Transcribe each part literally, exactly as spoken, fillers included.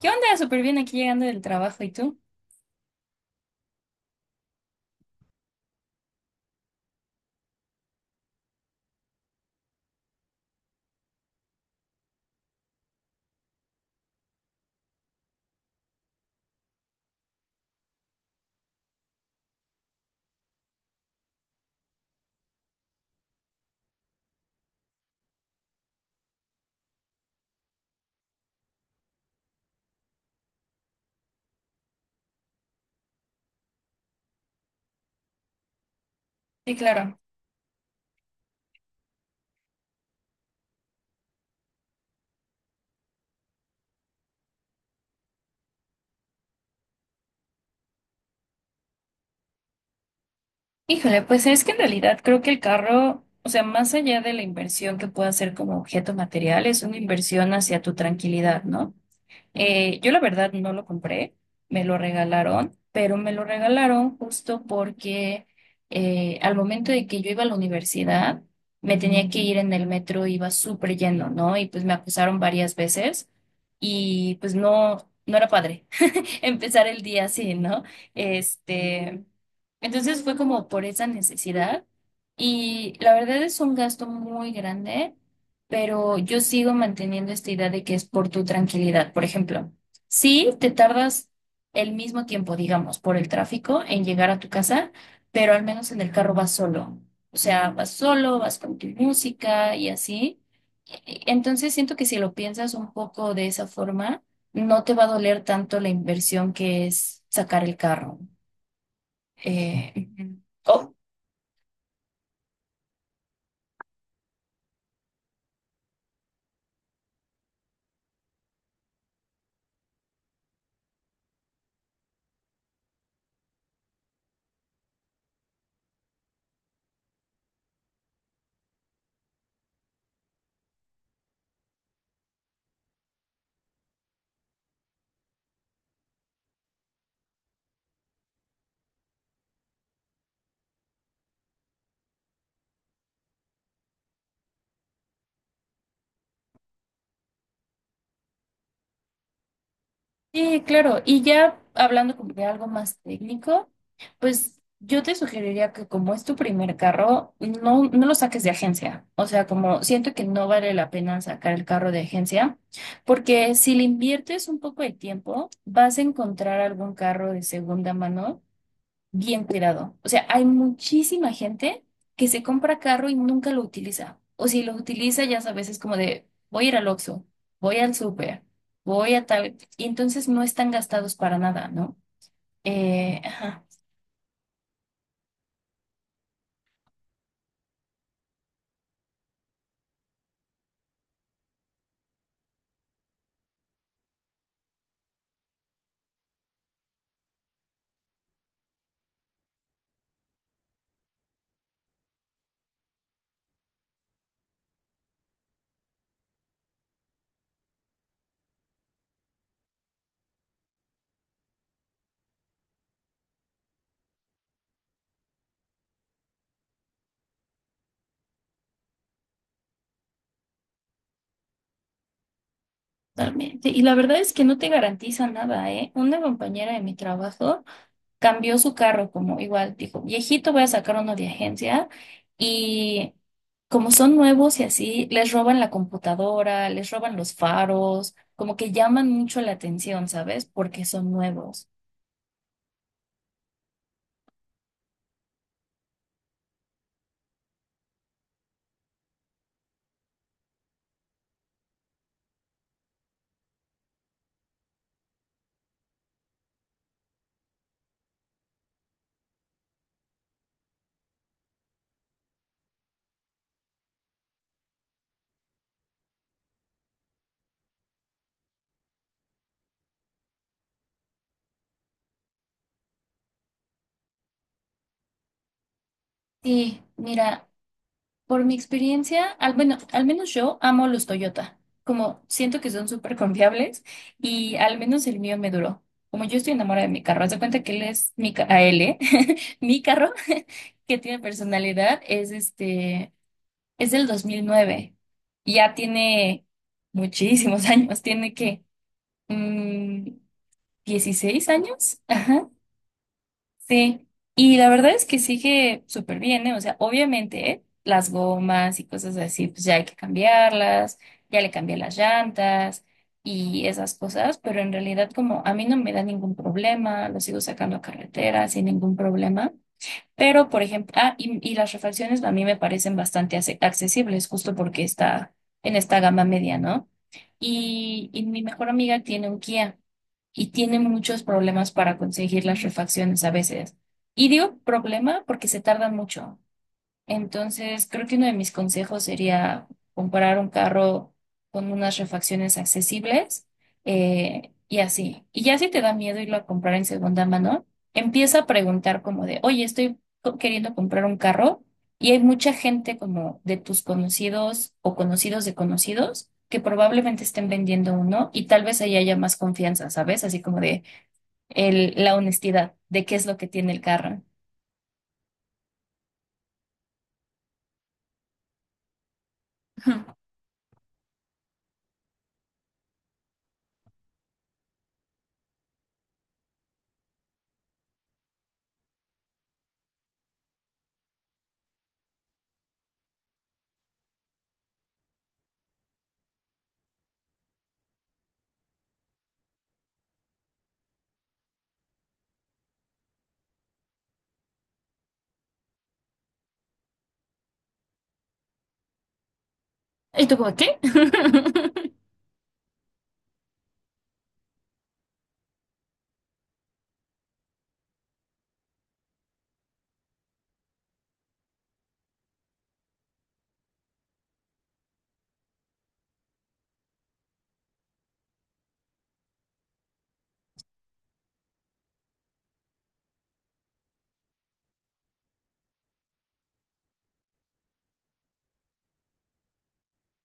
Yo andaba súper bien aquí llegando del trabajo, ¿y tú? Sí, claro. Híjole, pues es que en realidad creo que el carro, o sea, más allá de la inversión que pueda ser como objeto material, es una inversión hacia tu tranquilidad, ¿no? Eh, yo la verdad no lo compré, me lo regalaron, pero me lo regalaron justo porque eh, al momento de que yo iba a la universidad, me tenía que ir en el metro, iba súper lleno, ¿no? Y pues me acusaron varias veces y pues no, no era padre. empezar el día así, ¿no? Este, entonces fue como por esa necesidad y la verdad es un gasto muy grande, pero yo sigo manteniendo esta idea de que es por tu tranquilidad. Por ejemplo, si te tardas el mismo tiempo, digamos, por el tráfico en llegar a tu casa, pero al menos en el carro vas solo. O sea, vas solo, vas con tu música y así. E, e, Entonces siento que si lo piensas un poco de esa forma, no te va a doler tanto la inversión que es sacar el carro. Eh, ujú. Oh, sí, claro. Y ya hablando como de algo más técnico, pues yo te sugeriría que como es tu primer carro, no, no lo saques de agencia. O sea, como siento que no vale la pena sacar el carro de agencia, porque si le inviertes un poco de tiempo, vas a encontrar algún carro de segunda mano bien cuidado. O sea, hay muchísima gente que se compra carro y nunca lo utiliza. O si lo utiliza, ya sabes, es como de, voy a ir al Oxxo, voy al súper, voy a tal. Y entonces no están gastados para nada, ¿no? Eh, ajá, totalmente. Y la verdad es que no te garantiza nada, ¿eh? Una compañera de mi trabajo cambió su carro, como igual dijo, viejito, voy a sacar uno de agencia y como son nuevos y así, les roban la computadora, les roban los faros, como que llaman mucho la atención, ¿sabes? Porque son nuevos. Sí, mira, por mi experiencia, al, bueno, al menos yo amo los Toyota, como siento que son súper confiables y al menos el mío me duró. Como yo estoy enamorada de mi carro, haz de cuenta que él es mi, ca- a él, ¿eh? mi carro que tiene personalidad es este. Es del dos mil nueve y ya tiene muchísimos años, tiene que mm, dieciséis años, ajá, sí. Y la verdad es que sigue súper bien, ¿eh? O sea, obviamente, ¿eh? Las gomas y cosas así, pues ya hay que cambiarlas, ya le cambié las llantas y esas cosas, pero en realidad como a mí no me da ningún problema, lo sigo sacando a carretera sin ningún problema. Pero, por ejemplo, ah, y, y las refacciones a mí me parecen bastante ace- accesibles, justo porque está en esta gama media, ¿no? Y, y mi mejor amiga tiene un Kia y tiene muchos problemas para conseguir las refacciones a veces. Y digo problema porque se tardan mucho. Entonces, creo que uno de mis consejos sería comprar un carro con unas refacciones accesibles eh, y así. Y ya si te da miedo irlo a comprar en segunda mano, empieza a preguntar como de, oye, estoy co- queriendo comprar un carro y hay mucha gente como de tus conocidos o conocidos de conocidos que probablemente estén vendiendo uno y tal vez ahí haya más confianza, ¿sabes? Así como de el, la honestidad de qué es lo que tiene el carro. Ujú. ¿Y tú como qué?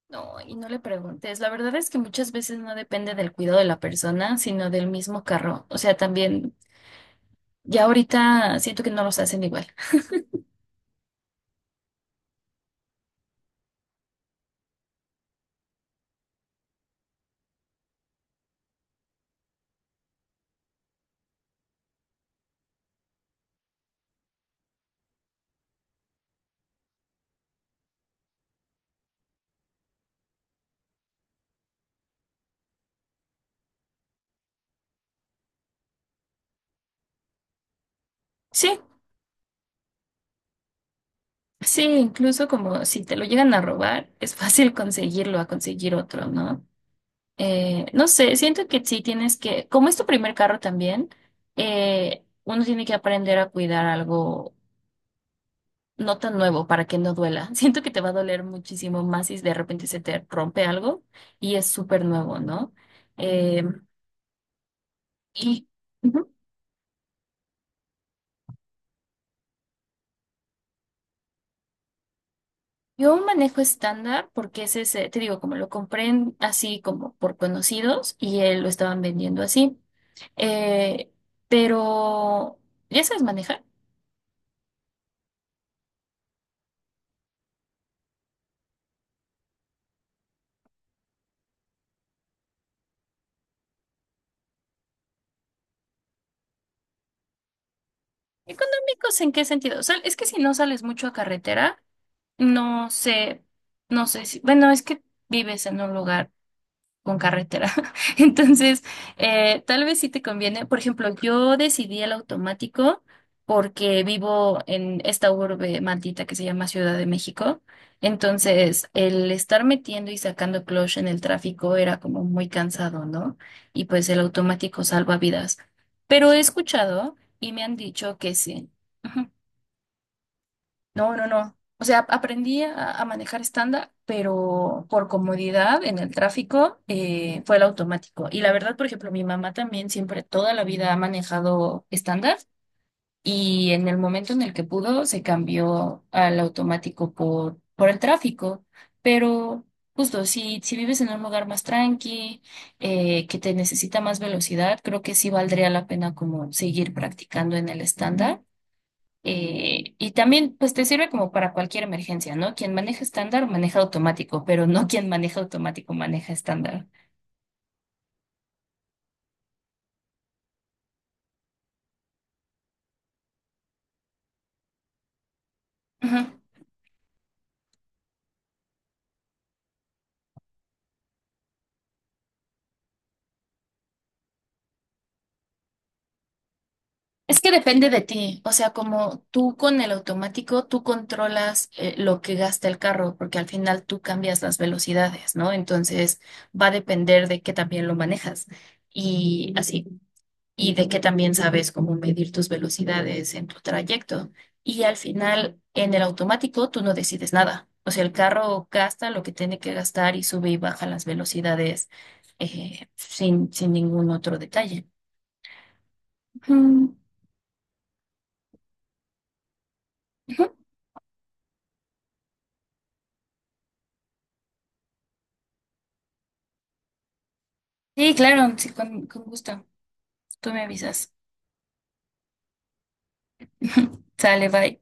No, y no le preguntes. La verdad es que muchas veces no depende del cuidado de la persona, sino del mismo carro. O sea, también ya ahorita siento que no los hacen igual. Sí, sí, incluso como si te lo llegan a robar, es fácil conseguirlo a conseguir otro, ¿no? Eh, no sé, siento que sí tienes que, como es tu primer carro también, eh, uno tiene que aprender a cuidar algo no tan nuevo para que no duela. Siento que te va a doler muchísimo más si de repente se te rompe algo y es súper nuevo, ¿no? Eh, y ujú. Yo manejo estándar porque ese es ese, te digo, como lo compré en- así como por conocidos y él lo estaban vendiendo así. Eh, pero, ¿ya sabes manejar? ¿Económicos en qué sentido? O sea, es que si no sales mucho a carretera, no sé, no sé si, bueno, es que vives en un lugar. Con carretera. Entonces, eh, tal vez sí te conviene. Por ejemplo, yo decidí el automático porque vivo en esta urbe maldita que se llama Ciudad de México. Entonces, el estar metiendo y sacando clutch en el tráfico era como muy cansado, ¿no? Y pues el automático salva vidas. Pero he escuchado y me han dicho que sí. No, no, no. O sea, aprendí a, a manejar estándar, pero por comodidad en el tráfico eh, fue el automático. Y la verdad, por ejemplo, mi mamá también siempre toda la vida ha manejado estándar y en el momento en el que pudo se cambió al automático por, por el tráfico. Pero justo, si, si vives en un lugar más tranqui, eh, que te necesita más velocidad, creo que sí valdría la pena como seguir practicando en el estándar eh, y también, pues te sirve como para cualquier emergencia, ¿no? Quien maneja estándar maneja automático, pero no quien maneja automático maneja estándar. Ujú. Es que depende de ti, o sea, como tú con el automático, tú controlas eh, lo que gasta el carro, porque al final tú cambias las velocidades, ¿no? Entonces va a depender de que también lo manejas y así. Y de que también sabes cómo medir tus velocidades en tu trayecto. Y al final, en el automático, tú no decides nada. O sea, el carro gasta lo que tiene que gastar y sube y baja las velocidades eh, sin, sin ningún otro detalle. Ujú, ujú. Sí, claro, sí, con, con gusto. Tú me avisas. Sale, bye.